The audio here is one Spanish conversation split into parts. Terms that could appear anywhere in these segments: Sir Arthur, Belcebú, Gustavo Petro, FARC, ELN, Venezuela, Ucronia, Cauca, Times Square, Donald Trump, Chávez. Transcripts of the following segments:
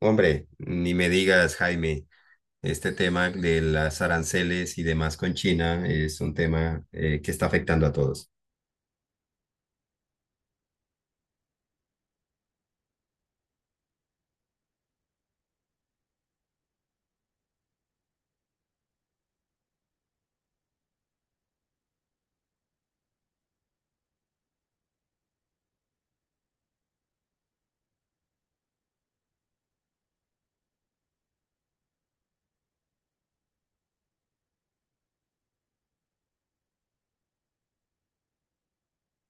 Hombre, ni me digas, Jaime, este tema de las aranceles y demás con China es un tema que está afectando a todos.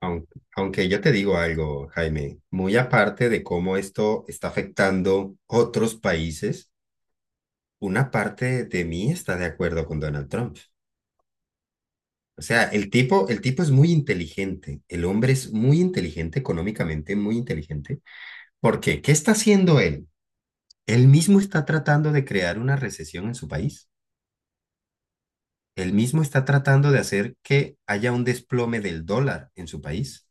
Aun- Aunque, yo te digo algo, Jaime, muy aparte de cómo esto está afectando otros países, una parte de mí está de acuerdo con Donald Trump. O sea, el tipo es muy inteligente, el hombre es muy inteligente económicamente, muy inteligente. ¿Por qué? ¿Qué está haciendo él? Él mismo está tratando de crear una recesión en su país. Él mismo está tratando de hacer que haya un desplome del dólar en su país.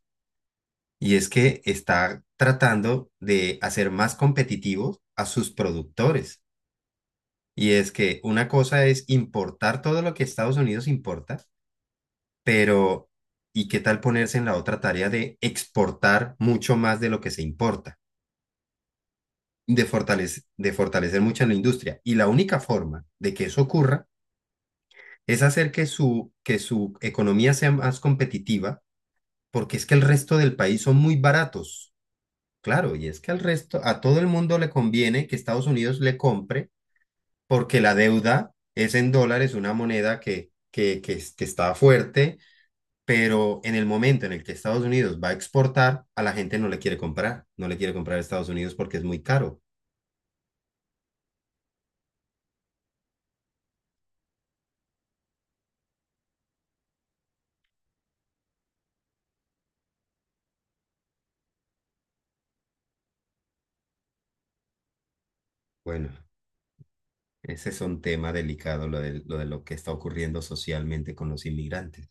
Y es que está tratando de hacer más competitivos a sus productores. Y es que una cosa es importar todo lo que Estados Unidos importa, pero ¿y qué tal ponerse en la otra tarea de exportar mucho más de lo que se importa? De fortalecer mucho la industria. Y la única forma de que eso ocurra es hacer que su economía sea más competitiva porque es que el resto del país son muy baratos. Claro, y es que al resto, a todo el mundo le conviene que Estados Unidos le compre, porque la deuda es en dólares, una moneda que está fuerte, pero en el momento en el que Estados Unidos va a exportar, a la gente no le quiere comprar, no le quiere comprar a Estados Unidos porque es muy caro. Bueno, ese es un tema delicado, de lo que está ocurriendo socialmente con los inmigrantes.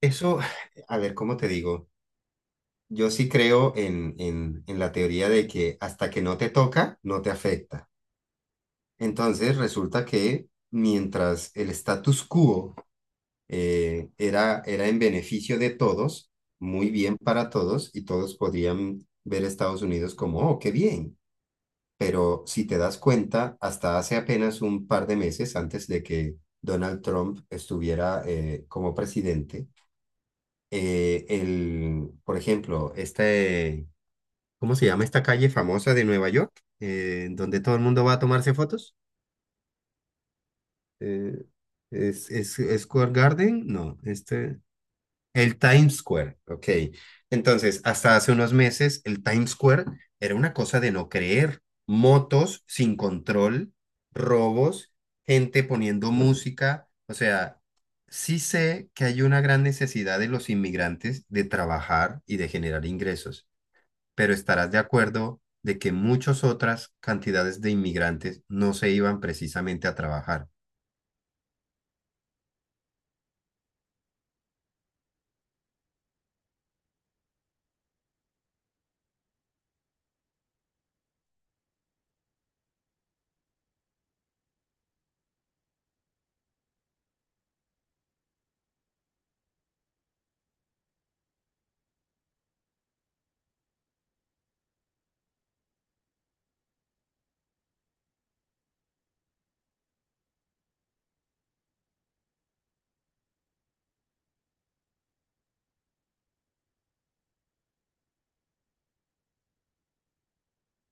Eso, a ver, ¿cómo te digo? Yo sí creo en la teoría de que hasta que no te toca, no te afecta. Entonces resulta que mientras el status quo era en beneficio de todos, muy bien para todos, y todos podían ver a Estados Unidos como, oh, qué bien. Pero si te das cuenta, hasta hace apenas un par de meses antes de que Donald Trump estuviera como presidente, por ejemplo, ¿cómo se llama esta calle famosa de Nueva York? Donde todo el mundo va a tomarse fotos. Eh, ¿Es, es Square Garden? No, este. El Times Square, ok. Entonces, hasta hace unos meses, el Times Square era una cosa de no creer. Motos sin control, robos, gente poniendo música. O sea, sí sé que hay una gran necesidad de los inmigrantes de trabajar y de generar ingresos, pero estarás de acuerdo de que muchas otras cantidades de inmigrantes no se iban precisamente a trabajar.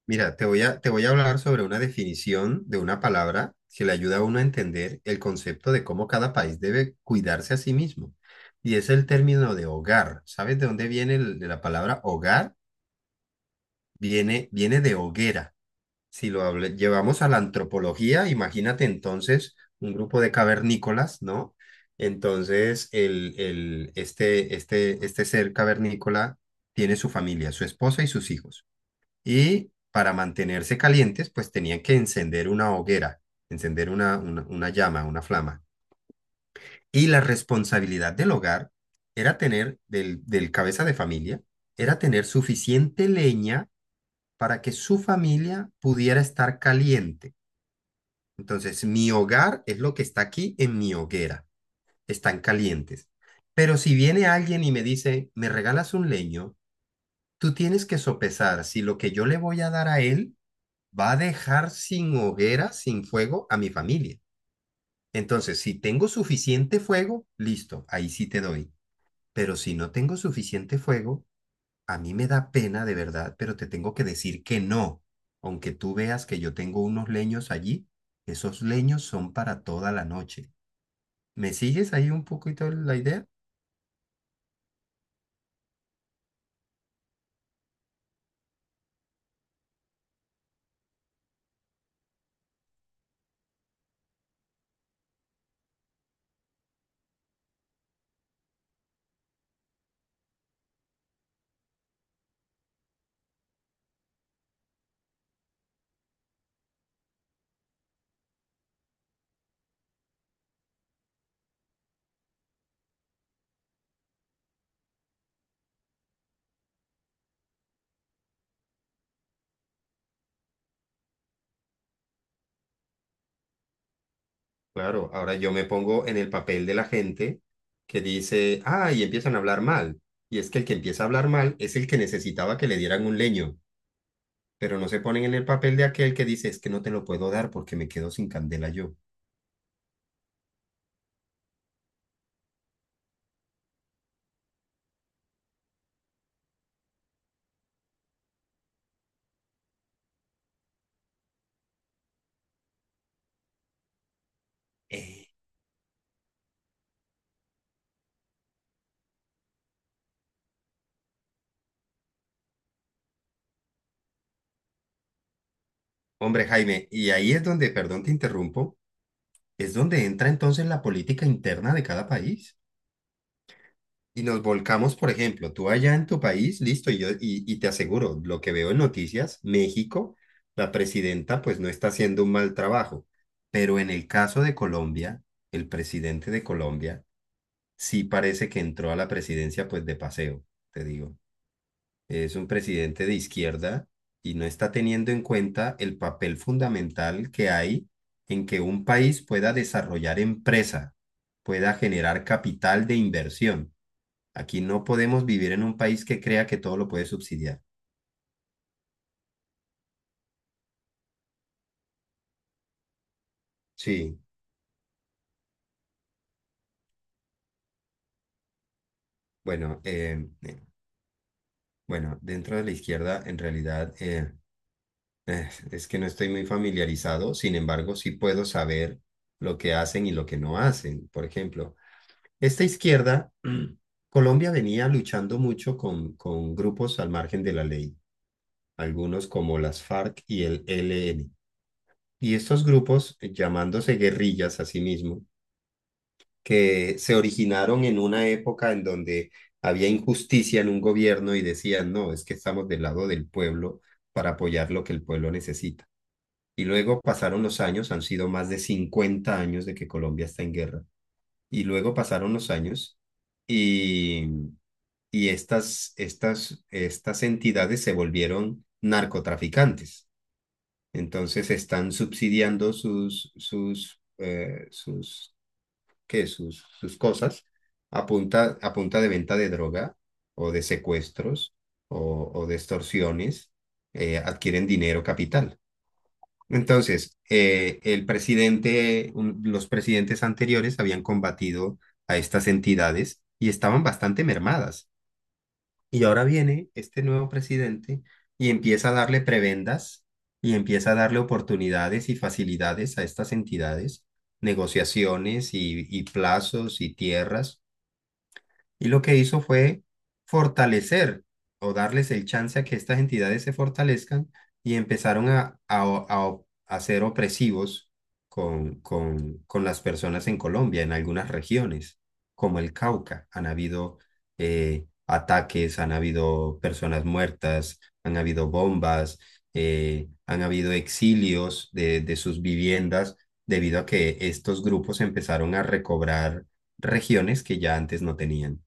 Mira, te voy a hablar sobre una definición de una palabra que le ayuda a uno a entender el concepto de cómo cada país debe cuidarse a sí mismo. Y es el término de hogar. ¿Sabes de dónde viene de la palabra hogar? Viene, viene de hoguera. Si llevamos a la antropología, imagínate entonces un grupo de cavernícolas, ¿no? Entonces, este ser cavernícola tiene su familia, su esposa y sus hijos. Y para mantenerse calientes, pues tenían que encender una hoguera, encender una llama, una flama. Y la responsabilidad del hogar era tener, del cabeza de familia, era tener suficiente leña para que su familia pudiera estar caliente, entonces mi hogar es lo que está aquí en mi hoguera. Están calientes. Pero si viene alguien y me dice, me regalas un leño, tú tienes que sopesar si lo que yo le voy a dar a él va a dejar sin hoguera, sin fuego a mi familia. Entonces, si tengo suficiente fuego, listo, ahí sí te doy. Pero si no tengo suficiente fuego, a mí me da pena de verdad, pero te tengo que decir que no. Aunque tú veas que yo tengo unos leños allí, esos leños son para toda la noche. ¿Me sigues ahí un poquito la idea? Claro, ahora yo me pongo en el papel de la gente que dice, ah, y empiezan a hablar mal. Y es que el que empieza a hablar mal es el que necesitaba que le dieran un leño, pero no se ponen en el papel de aquel que dice, es que no te lo puedo dar porque me quedo sin candela yo. Eh, Hombre, Jaime, y ahí es donde, perdón, te interrumpo, es donde entra entonces la política interna de cada país. Y nos volcamos, por ejemplo, tú allá en tu país, listo, y yo, y te aseguro, lo que veo en noticias, México, la presidenta pues no está haciendo un mal trabajo, pero en el caso de Colombia, el presidente de Colombia sí parece que entró a la presidencia pues de paseo, te digo. Es un presidente de izquierda y no está teniendo en cuenta el papel fundamental que hay en que un país pueda desarrollar empresa, pueda generar capital de inversión. Aquí no podemos vivir en un país que crea que todo lo puede subsidiar. Sí, bueno, bueno, dentro de la izquierda en realidad es que no estoy muy familiarizado, sin embargo, sí puedo saber lo que hacen y lo que no hacen. Por ejemplo, esta izquierda, Colombia venía luchando mucho con grupos al margen de la ley, algunos como las FARC y el ELN. Y estos grupos, llamándose guerrillas a sí mismos, que se originaron en una época en donde había injusticia en un gobierno y decían, no, es que estamos del lado del pueblo para apoyar lo que el pueblo necesita. Y luego pasaron los años, han sido más de 50 años de que Colombia está en guerra. Y luego pasaron los años y, y estas entidades se volvieron narcotraficantes. Entonces están subsidiando sus cosas a punta de venta de droga o de secuestros o de extorsiones, adquieren dinero capital. Entonces, los presidentes anteriores habían combatido a estas entidades y estaban bastante mermadas. Y ahora viene este nuevo presidente y empieza a darle prebendas y empieza a darle oportunidades y facilidades a estas entidades, negociaciones y plazos y tierras y lo que hizo fue fortalecer o darles el chance a que estas entidades se fortalezcan y empezaron a- a ser opresivos con las personas en Colombia, en algunas regiones, como el Cauca. Han habido ataques, han habido personas muertas, han habido bombas, han habido exilios de sus viviendas debido a que estos grupos empezaron a recobrar regiones que ya antes no tenían.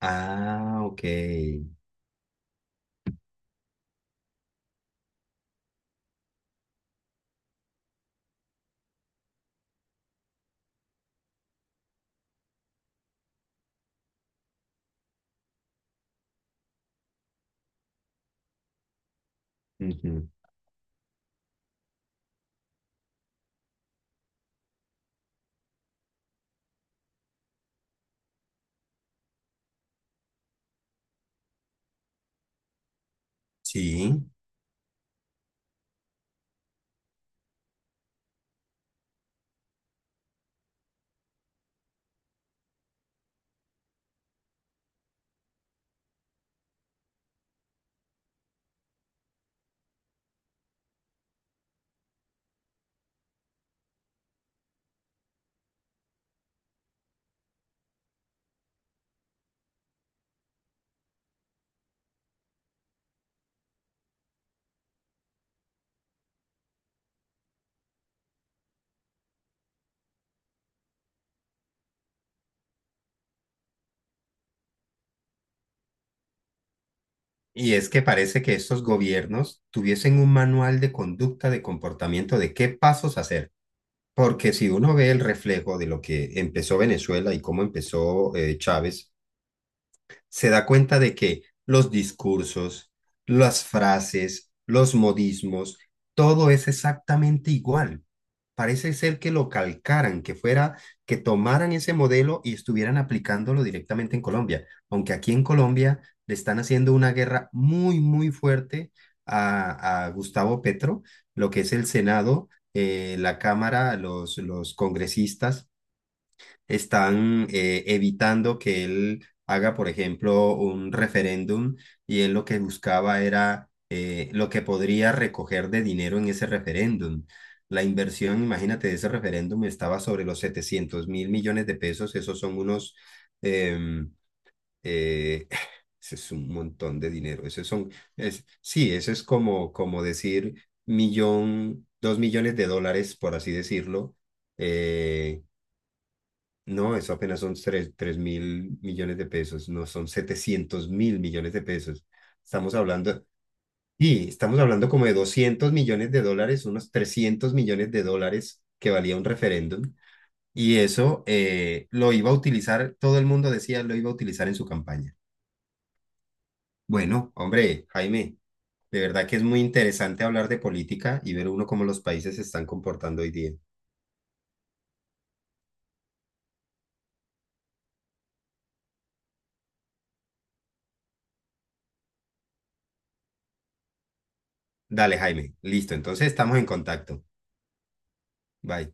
Ah, ok. Ujú. Sí. Y es que parece que estos gobiernos tuviesen un manual de conducta, de comportamiento, de qué pasos hacer. Porque si uno ve el reflejo de lo que empezó Venezuela y cómo empezó Chávez, se da cuenta de que los discursos, las frases, los modismos, todo es exactamente igual. Parece ser que lo calcaran, que fuera, que tomaran ese modelo y estuvieran aplicándolo directamente en Colombia. Aunque aquí en Colombia le están haciendo una guerra muy, muy fuerte a Gustavo Petro, lo que es el Senado, la Cámara, los congresistas están evitando que él haga, por ejemplo, un referéndum y él lo que buscaba era lo que podría recoger de dinero en ese referéndum. La inversión, imagínate, de ese referéndum estaba sobre los 700.000 millones de pesos, esos son unos... em, eh, ese es un montón de dinero. Esos son, es, sí, eso es como, como decir millón, 2 millones de dólares, por así decirlo, eh, no, eso apenas son 3.000 millones de pesos, no son 700.000 millones de pesos. Estamos hablando, y estamos hablando como de 200 millones de dólares, unos 300 millones de dólares que valía un referéndum. Y eso lo iba a utilizar, todo el mundo decía lo iba a utilizar en su campaña. Bueno, hombre, Jaime, de verdad que es muy interesante hablar de política y ver uno cómo los países se están comportando hoy día. Dale, Jaime, listo, entonces estamos en contacto. Bye.